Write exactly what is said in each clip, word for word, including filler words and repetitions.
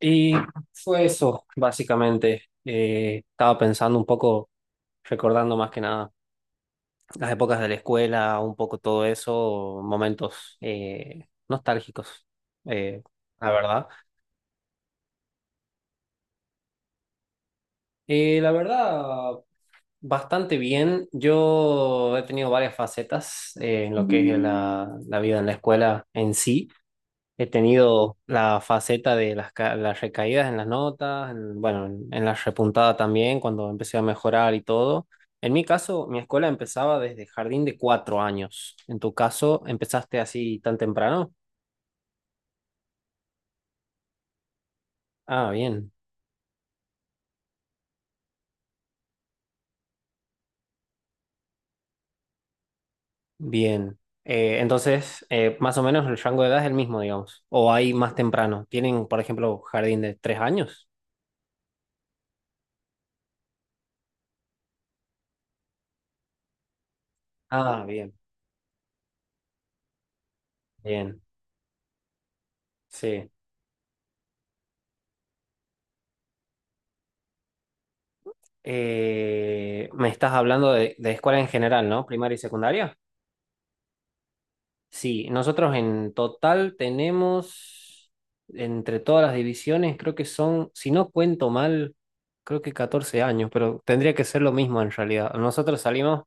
Y fue eso, básicamente. Eh, estaba pensando un poco, recordando más que nada las épocas de la escuela, un poco todo eso, momentos eh, nostálgicos, eh, la verdad. Eh, la verdad, bastante bien. Yo he tenido varias facetas eh, en lo que es la, la vida en la escuela en sí. He tenido la faceta de las, ca- las recaídas en las notas, en- bueno, en, en la repuntada también, cuando empecé a mejorar y todo. En mi caso, mi escuela empezaba desde jardín de cuatro años. En tu caso, ¿empezaste así tan temprano? Ah, bien, bien. Eh, entonces, eh, más o menos el rango de edad es el mismo, digamos. O hay más temprano. ¿Tienen, por ejemplo, jardín de tres años? Ah, bien, bien, sí. Eh, me estás hablando de, de escuela en general, ¿no? Primaria y secundaria. Sí, nosotros en total tenemos, entre todas las divisiones, creo que son, si no cuento mal, creo que catorce años, pero tendría que ser lo mismo en realidad. Nosotros salimos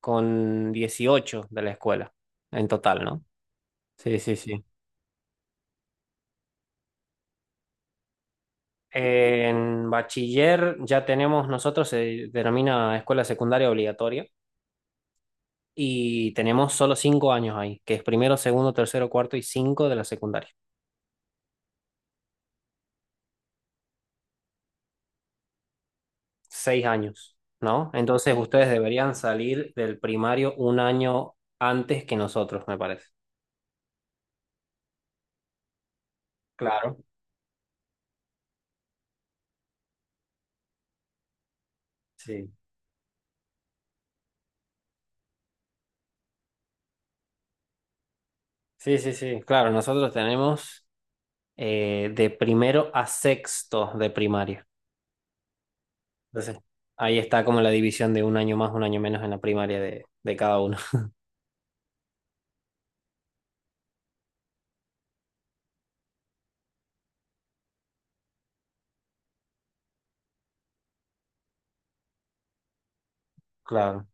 con dieciocho de la escuela, en total, ¿no? Sí, sí, sí. En bachiller ya tenemos, nosotros se denomina escuela secundaria obligatoria y tenemos solo cinco años ahí, que es primero, segundo, tercero, cuarto y cinco de la secundaria. Seis años, ¿no? Entonces ustedes deberían salir del primario un año antes que nosotros, me parece. Claro. Sí. Sí, sí, sí. Claro, nosotros tenemos eh, de primero a sexto de primaria. Entonces, ahí está como la división de un año más, un año menos en la primaria de, de cada uno. Claro.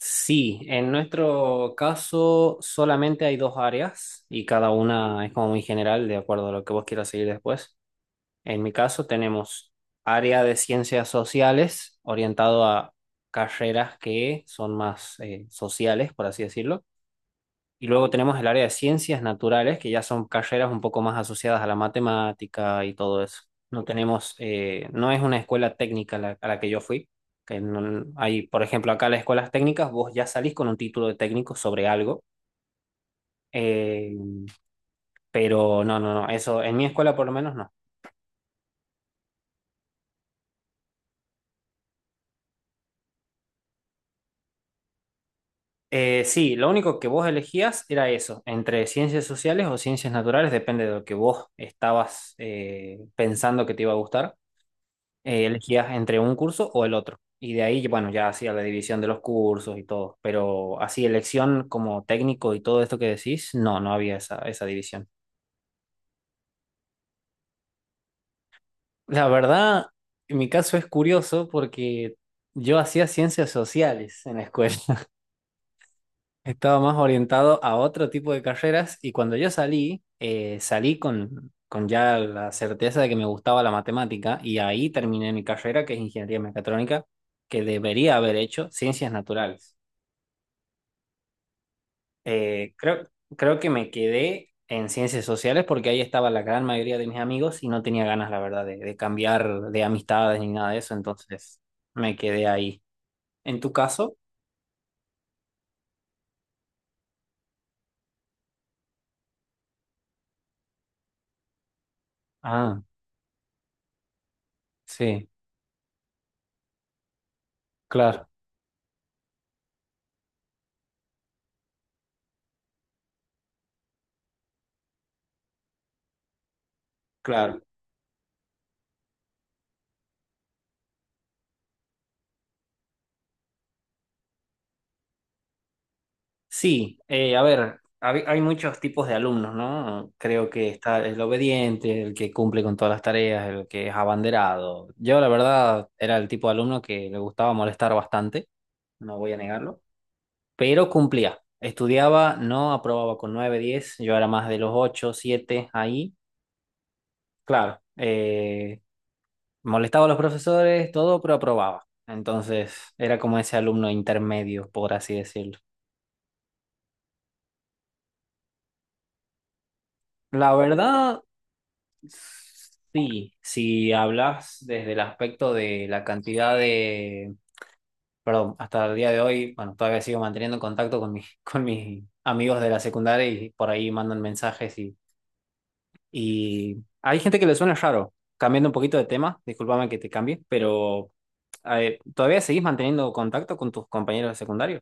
Sí, en nuestro caso solamente hay dos áreas y cada una es como muy general, de acuerdo a lo que vos quieras seguir después. En mi caso tenemos área de ciencias sociales orientado a carreras que son más eh, sociales, por así decirlo. Y luego tenemos el área de ciencias naturales, que ya son carreras un poco más asociadas a la matemática y todo eso. No tenemos, eh, no es una escuela técnica la- a la que yo fui. Que no- Hay, por ejemplo, acá las escuelas técnicas, vos ya salís con un título de técnico sobre algo. eh, pero no, no, no, eso en mi escuela por lo menos no. Eh, sí, lo único que vos elegías era eso, entre ciencias sociales o ciencias naturales, depende de lo que vos estabas eh, pensando que te iba a gustar. Eh, elegías entre un curso o el otro. Y de ahí, bueno, ya hacía la división de los cursos y todo. Pero así, elección como técnico y todo esto que decís, no, no había esa, esa división. La verdad, en mi caso es curioso porque yo hacía ciencias sociales en la escuela. Estaba más orientado a otro tipo de carreras y cuando yo salí, eh, salí con, con ya la certeza de que me gustaba la matemática y ahí terminé mi carrera, que es ingeniería mecatrónica, que debería haber hecho ciencias naturales. Eh, creo, creo que me quedé en ciencias sociales porque ahí estaba la gran mayoría de mis amigos y no tenía ganas, la verdad, de, de cambiar de amistades ni nada de eso, entonces me quedé ahí. ¿En tu caso? Ah, sí, claro. Claro. Sí, eh, a ver, hab- hay muchos tipos de alumnos, ¿no? Creo que está el obediente, el que cumple con todas las tareas, el que es abanderado. Yo, la verdad, era el tipo de alumno que le gustaba molestar bastante, no voy a negarlo, pero cumplía. Estudiaba, no aprobaba con nueve, diez. Yo era más de los ocho, siete, ahí. Claro, eh, molestaba a los profesores, todo, pero aprobaba. Entonces, era como ese alumno intermedio, por así decirlo. La verdad. Sí, si hablas desde el aspecto de la cantidad de, perdón, hasta el día de hoy, bueno, todavía sigo manteniendo contacto con mis, con mis amigos de la secundaria y por ahí mandan mensajes y, y hay gente que le suena raro. Cambiando un poquito de tema, discúlpame que te cambie, pero eh, ¿todavía seguís manteniendo contacto con tus compañeros de secundario?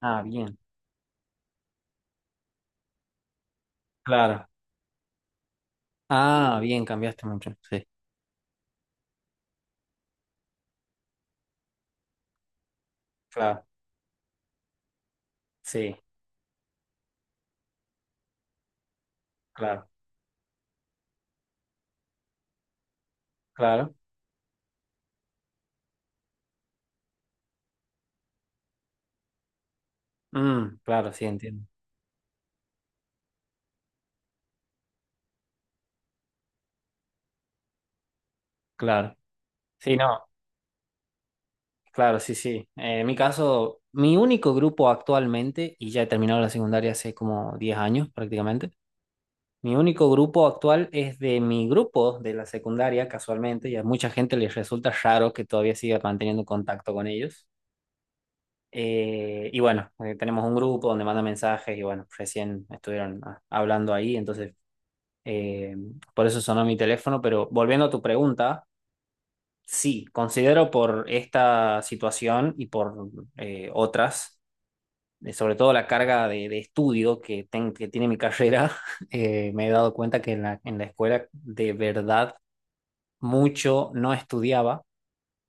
Ah, bien, claro. Ah, bien, cambiaste mucho. Sí, claro, sí, claro, claro. Mm, claro, sí, entiendo. Claro. Sí, no. Claro, sí, sí. Eh, en mi caso, mi único grupo actualmente, y ya he terminado la secundaria hace como diez años prácticamente, mi único grupo actual es de mi grupo de la secundaria, casualmente, y a mucha gente les resulta raro que todavía siga manteniendo contacto con ellos. Eh, y bueno, eh, tenemos un grupo donde mandan mensajes y bueno, recién estuvieron ah, hablando ahí, entonces eh, por eso sonó mi teléfono, pero volviendo a tu pregunta, sí, considero por esta situación y por eh, otras. De sobre todo la carga de, de estudio que, ten- que tiene mi carrera, eh, me he dado cuenta que en la, en la escuela de verdad mucho no estudiaba,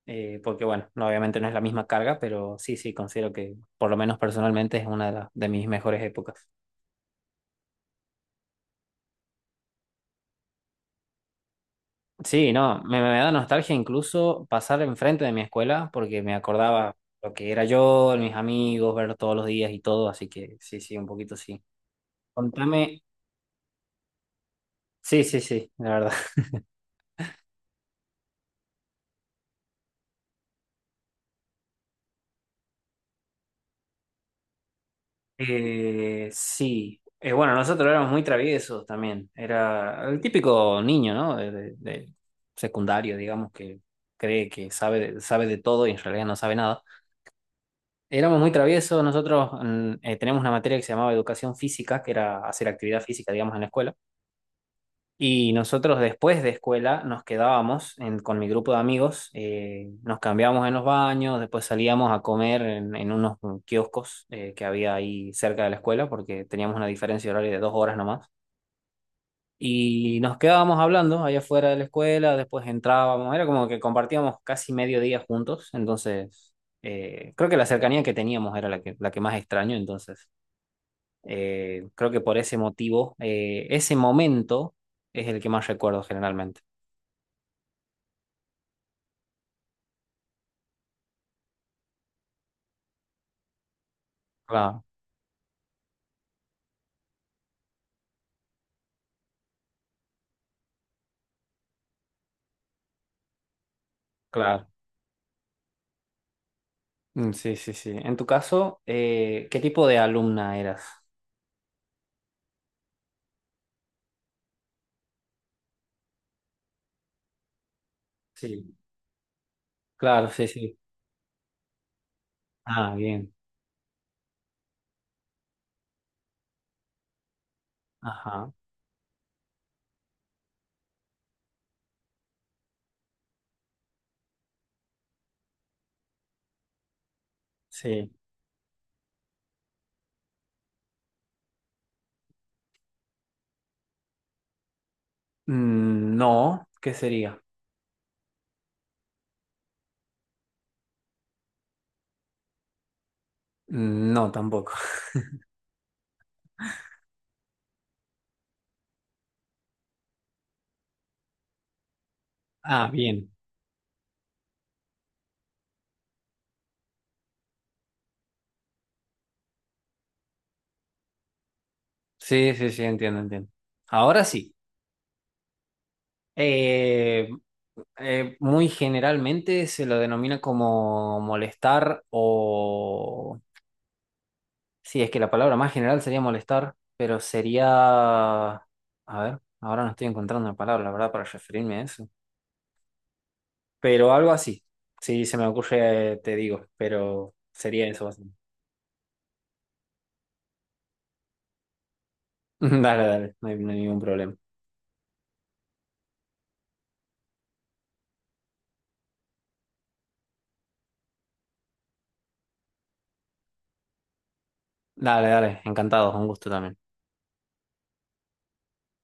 eh, porque bueno, no- obviamente no es la misma carga, pero sí, sí, considero que por lo menos personalmente es una de, las- de mis mejores épocas. Sí, no, me, me da nostalgia incluso pasar enfrente de mi escuela porque me acordaba lo que era yo, mis amigos, verlos todos los días y todo, así que sí, sí, un poquito sí. Contame, sí, sí, sí, la verdad. Eh, sí. Eh, bueno, nosotros éramos muy traviesos también. Era el típico niño, ¿no? De, de- de secundario, digamos, que cree que sabe, sabe de todo y en realidad no sabe nada. Éramos muy traviesos. Nosotros mm, eh, teníamos una materia que se llamaba educación física, que era hacer actividad física, digamos, en la escuela. Y nosotros después de escuela nos quedábamos en- con mi grupo de amigos, eh, nos cambiábamos en los baños, después salíamos a comer en, en unos kioscos eh, que había ahí cerca de la escuela, porque teníamos una diferencia horaria de dos horas nomás. Y nos quedábamos hablando allá afuera de la escuela, después entrábamos, era como que compartíamos casi medio día juntos, entonces eh, creo que la cercanía que teníamos era la que, la que más extraño, entonces eh, creo que por ese motivo, eh, ese momento es el que más recuerdo generalmente. Claro, claro. Mm, sí, sí, sí. En tu caso, eh, ¿qué tipo de alumna eras? Sí, claro, sí, sí. Ah, bien. Ajá, sí. Mm, no, ¿qué sería? Mm, no, tampoco. Ah, bien. Sí, sí, sí, entiendo, entiendo. Ahora sí. Eh, eh, Muy generalmente se lo denomina como molestar o sí, es que la palabra más general sería molestar, pero sería... A ver, ahora no estoy encontrando una palabra, la verdad, para referirme a eso. Pero algo así. Si se me ocurre, eh, te digo, pero sería eso básicamente. Dale, dale, no hay, no hay ningún problema. Dale, dale, encantado, un gusto también.